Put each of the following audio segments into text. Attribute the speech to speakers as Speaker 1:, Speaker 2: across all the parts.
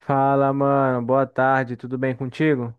Speaker 1: Fala, mano. Boa tarde. Tudo bem contigo?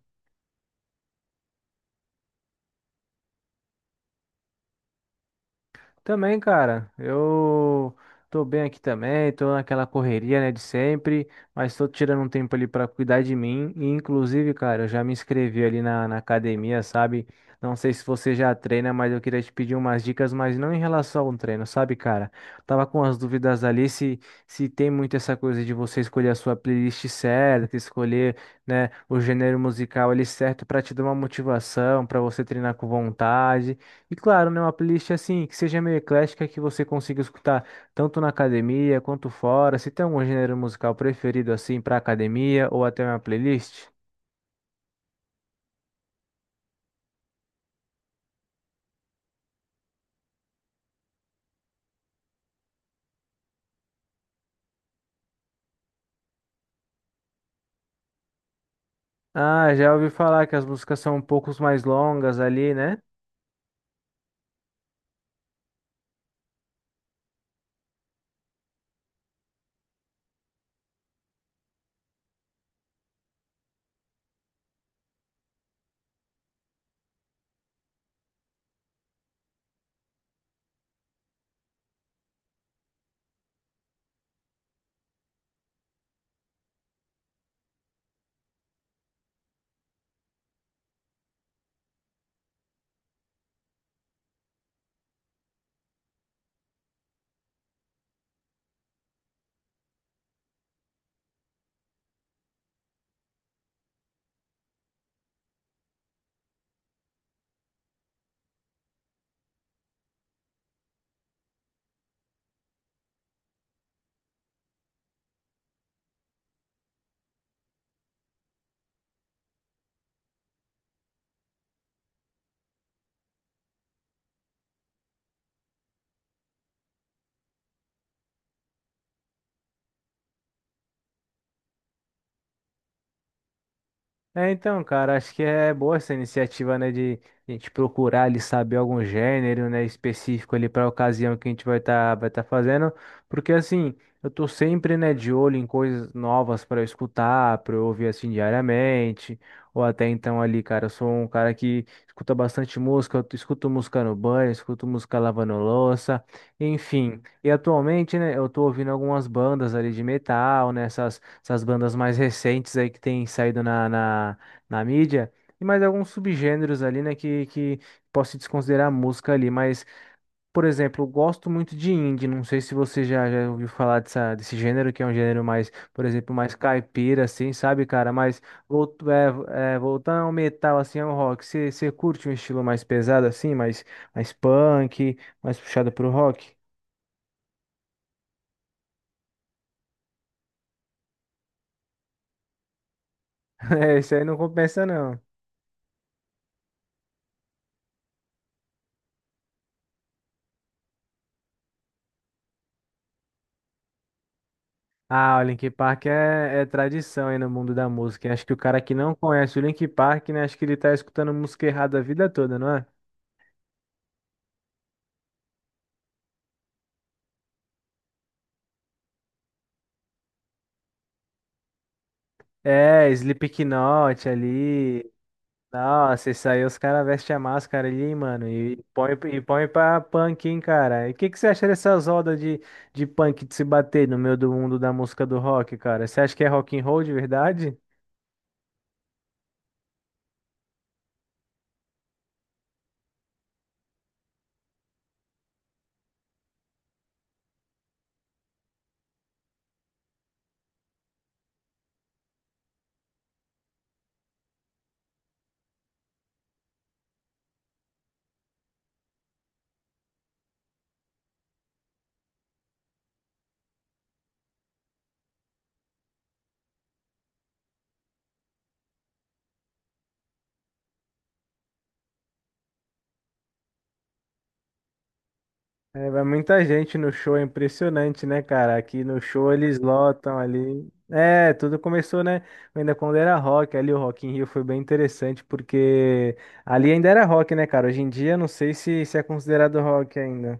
Speaker 1: Também, cara, eu tô bem aqui também, tô naquela correria, né, de sempre, mas tô tirando um tempo ali pra cuidar de mim, e inclusive, cara, eu já me inscrevi ali na academia, sabe? Não sei se você já treina, mas eu queria te pedir umas dicas, mas não em relação ao treino, sabe, cara? Tava com as dúvidas ali se tem muito essa coisa de você escolher a sua playlist certa, escolher, né, o gênero musical ali certo pra te dar uma motivação, pra você treinar com vontade. E claro, né, uma playlist assim que seja meio eclética que você consiga escutar tanto na academia quanto fora. Se tem algum gênero musical preferido assim para academia ou até uma playlist? Ah, já ouvi falar que as músicas são um pouco mais longas ali, né? É, então, cara, acho que é boa essa iniciativa, né, de a gente procurar ali saber algum gênero, né, específico ali para a ocasião que a gente vai tá fazendo, porque assim, eu tô sempre, né, de olho em coisas novas para escutar, para eu ouvir assim diariamente, ou até então ali, cara, eu sou um cara que escuta bastante música, eu escuto música no banho, escuto música lavando louça, enfim. E atualmente, né, eu tô ouvindo algumas bandas ali de metal, né, essas bandas mais recentes aí que tem saído na mídia, e mais alguns subgêneros ali, né, que posso desconsiderar a música ali, mas, por exemplo, eu gosto muito de indie, não sei se você já ouviu falar dessa, desse gênero, que é um gênero mais, por exemplo, mais caipira, assim, sabe, cara, mas volto, é, voltando ao metal, assim, ao rock, você curte um estilo mais pesado, assim, mais, mais punk, mais puxado pro rock? É, isso aí não compensa, não. Ah, o Linkin Park é tradição aí no mundo da música. Acho que o cara que não conhece o Linkin Park, né? Acho que ele tá escutando música errada a vida toda, não é? É, Slipknot ali. Nossa, isso aí os caras vestem a máscara ali, mano, e põe pra punk, hein, cara. E o que que você acha dessas rodas de punk de se bater no meio do mundo da música do rock, cara? Você acha que é rock and roll de verdade? É, vai muita gente no show, é impressionante, né, cara? Aqui no show eles lotam ali. É, tudo começou, né? Ainda quando era rock, ali o Rock in Rio foi bem interessante, porque ali ainda era rock, né, cara? Hoje em dia não sei se é considerado rock ainda.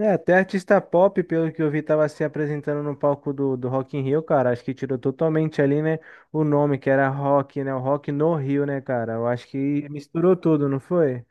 Speaker 1: É, até artista pop, pelo que eu vi, tava se apresentando no palco do Rock in Rio, cara. Acho que tirou totalmente ali, né, o nome, que era rock, né? O rock no Rio, né, cara? Eu acho que misturou tudo, não foi?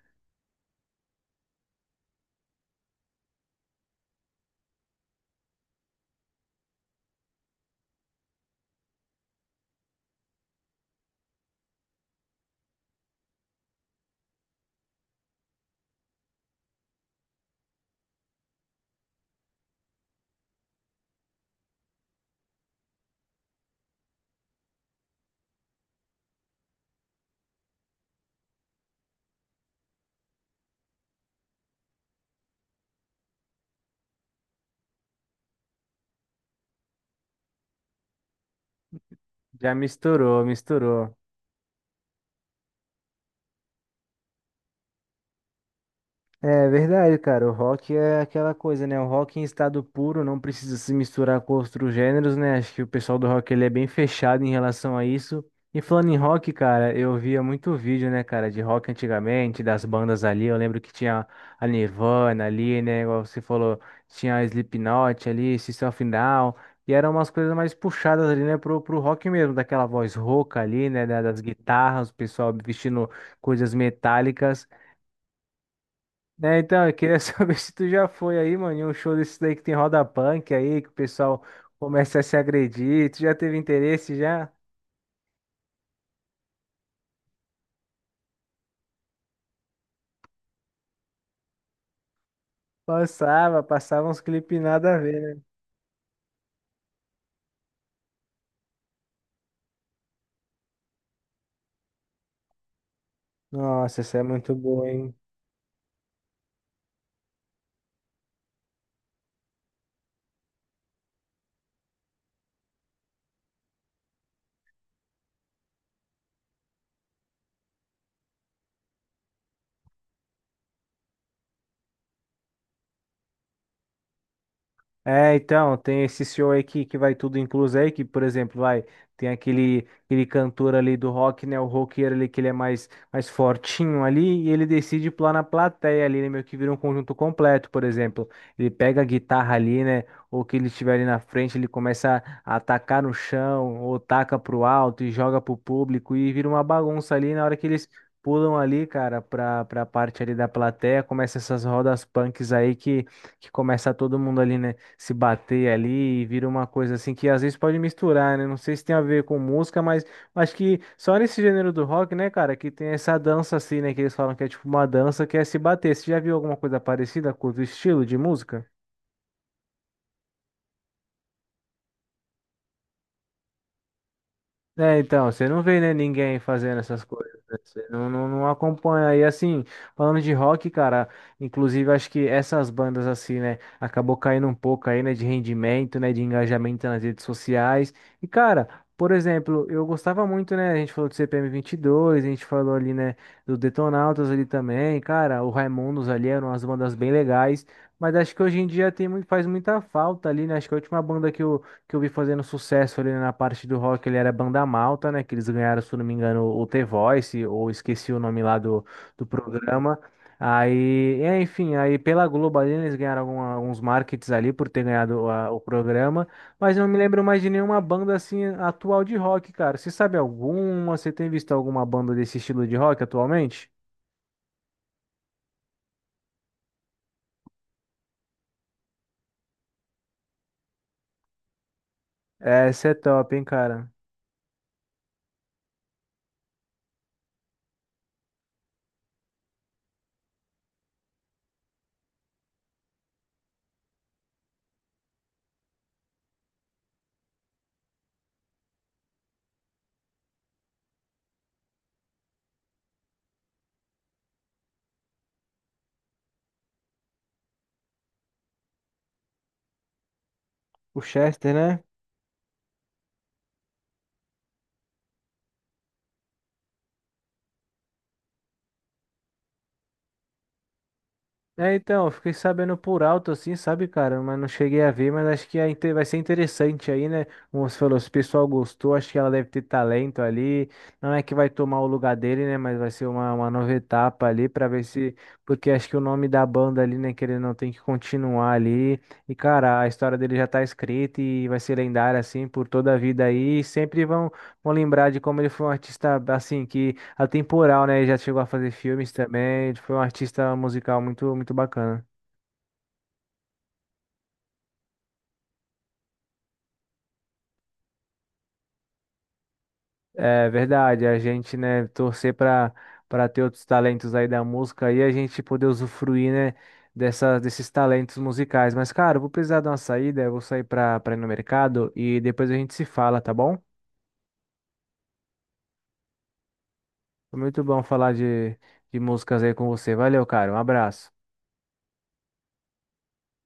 Speaker 1: Já misturou, misturou. É verdade, cara. O rock é aquela coisa, né? O rock em estado puro não precisa se misturar com outros gêneros, né? Acho que o pessoal do rock ele é bem fechado em relação a isso. E falando em rock, cara, eu via muito vídeo, né, cara, de rock antigamente, das bandas ali. Eu lembro que tinha a Nirvana ali, né? Igual você falou, tinha a Slipknot ali, System of a Down. E eram umas coisas mais puxadas ali, né, pro rock mesmo, daquela voz rouca ali, né, da- das guitarras, o pessoal vestindo coisas metálicas. Né, então, eu queria saber se tu já foi aí, mano, em um show desse daí que tem roda punk aí, que o pessoal começa a se agredir. Tu já teve interesse já? Passava, passava uns clipes nada a ver, né? Nossa, essa é muito boa, hein? É, então, tem esse show aí que vai tudo incluso aí, que, por exemplo, vai, tem aquele, aquele cantor ali do rock, né, o roqueiro ali, que ele é mais, mais fortinho ali, e ele decide pular na plateia ali, né, meio que vira um conjunto completo, por exemplo. Ele pega a guitarra ali, né, ou que ele estiver ali na frente, ele começa a atacar no chão, ou taca pro alto e joga pro público, e vira uma bagunça ali na hora que eles pulam ali, cara, pra parte ali da plateia, começa essas rodas punks aí que começa todo mundo ali, né? Se bater ali e vira uma coisa assim que às vezes pode misturar, né? Não sei se tem a ver com música, mas acho que só nesse gênero do rock, né, cara, que tem essa dança assim, né, que eles falam que é tipo uma dança que é se bater. Você já viu alguma coisa parecida com o estilo de música? É, então, você não vê, né, ninguém fazendo essas coisas, né? Você não acompanha. E assim, falando de rock, cara, inclusive acho que essas bandas, assim, né, acabou caindo um pouco aí, né, de rendimento, né, de engajamento nas redes sociais. E, cara, por exemplo, eu gostava muito, né, a gente falou do CPM22 a gente falou ali, né, do Detonautas ali também. Cara, o Raimundos ali eram umas bandas bem legais. Mas acho que hoje em dia tem, muito- faz muita falta ali, né? Acho que a última banda que eu vi fazendo sucesso ali na parte do rock, ele era Banda Malta, né? Que eles ganharam, se eu não me engano, o The Voice, ou esqueci o nome lá do, do programa. Aí, é, enfim, aí pela Globo ali, eles ganharam algum- alguns markets ali por ter ganhado a- o programa, mas não me lembro mais de nenhuma banda assim atual de rock, cara. Você sabe alguma? Você tem visto alguma banda desse estilo de rock atualmente? Essa é top, hein, cara. O Chester, né? É, então, eu fiquei sabendo por alto assim, sabe, cara? Mas não cheguei a ver, mas acho que é inte- vai ser interessante aí, né? Como você falou, se o pessoal gostou, acho que ela deve ter talento ali. Não é que vai tomar o lugar dele, né? Mas vai ser uma nova etapa ali pra ver se. Porque acho que o nome da banda ali, né? Que ele não tem que continuar ali. E, cara, a história dele já tá escrita e vai ser lendária, assim, por toda a vida aí. E sempre vão, vão lembrar de como ele foi um artista, assim, que. Atemporal, né? Ele já chegou a fazer filmes também. Ele foi um artista musical muito, muito bacana. É verdade, a gente, né, torcer para ter outros talentos aí da música e a gente poder usufruir, né, dessa, desses talentos musicais. Mas, cara, eu vou precisar dar uma saída, eu vou sair para ir no mercado e depois a gente se fala, tá bom? Foi muito bom falar de músicas aí com você. Valeu, cara, um abraço.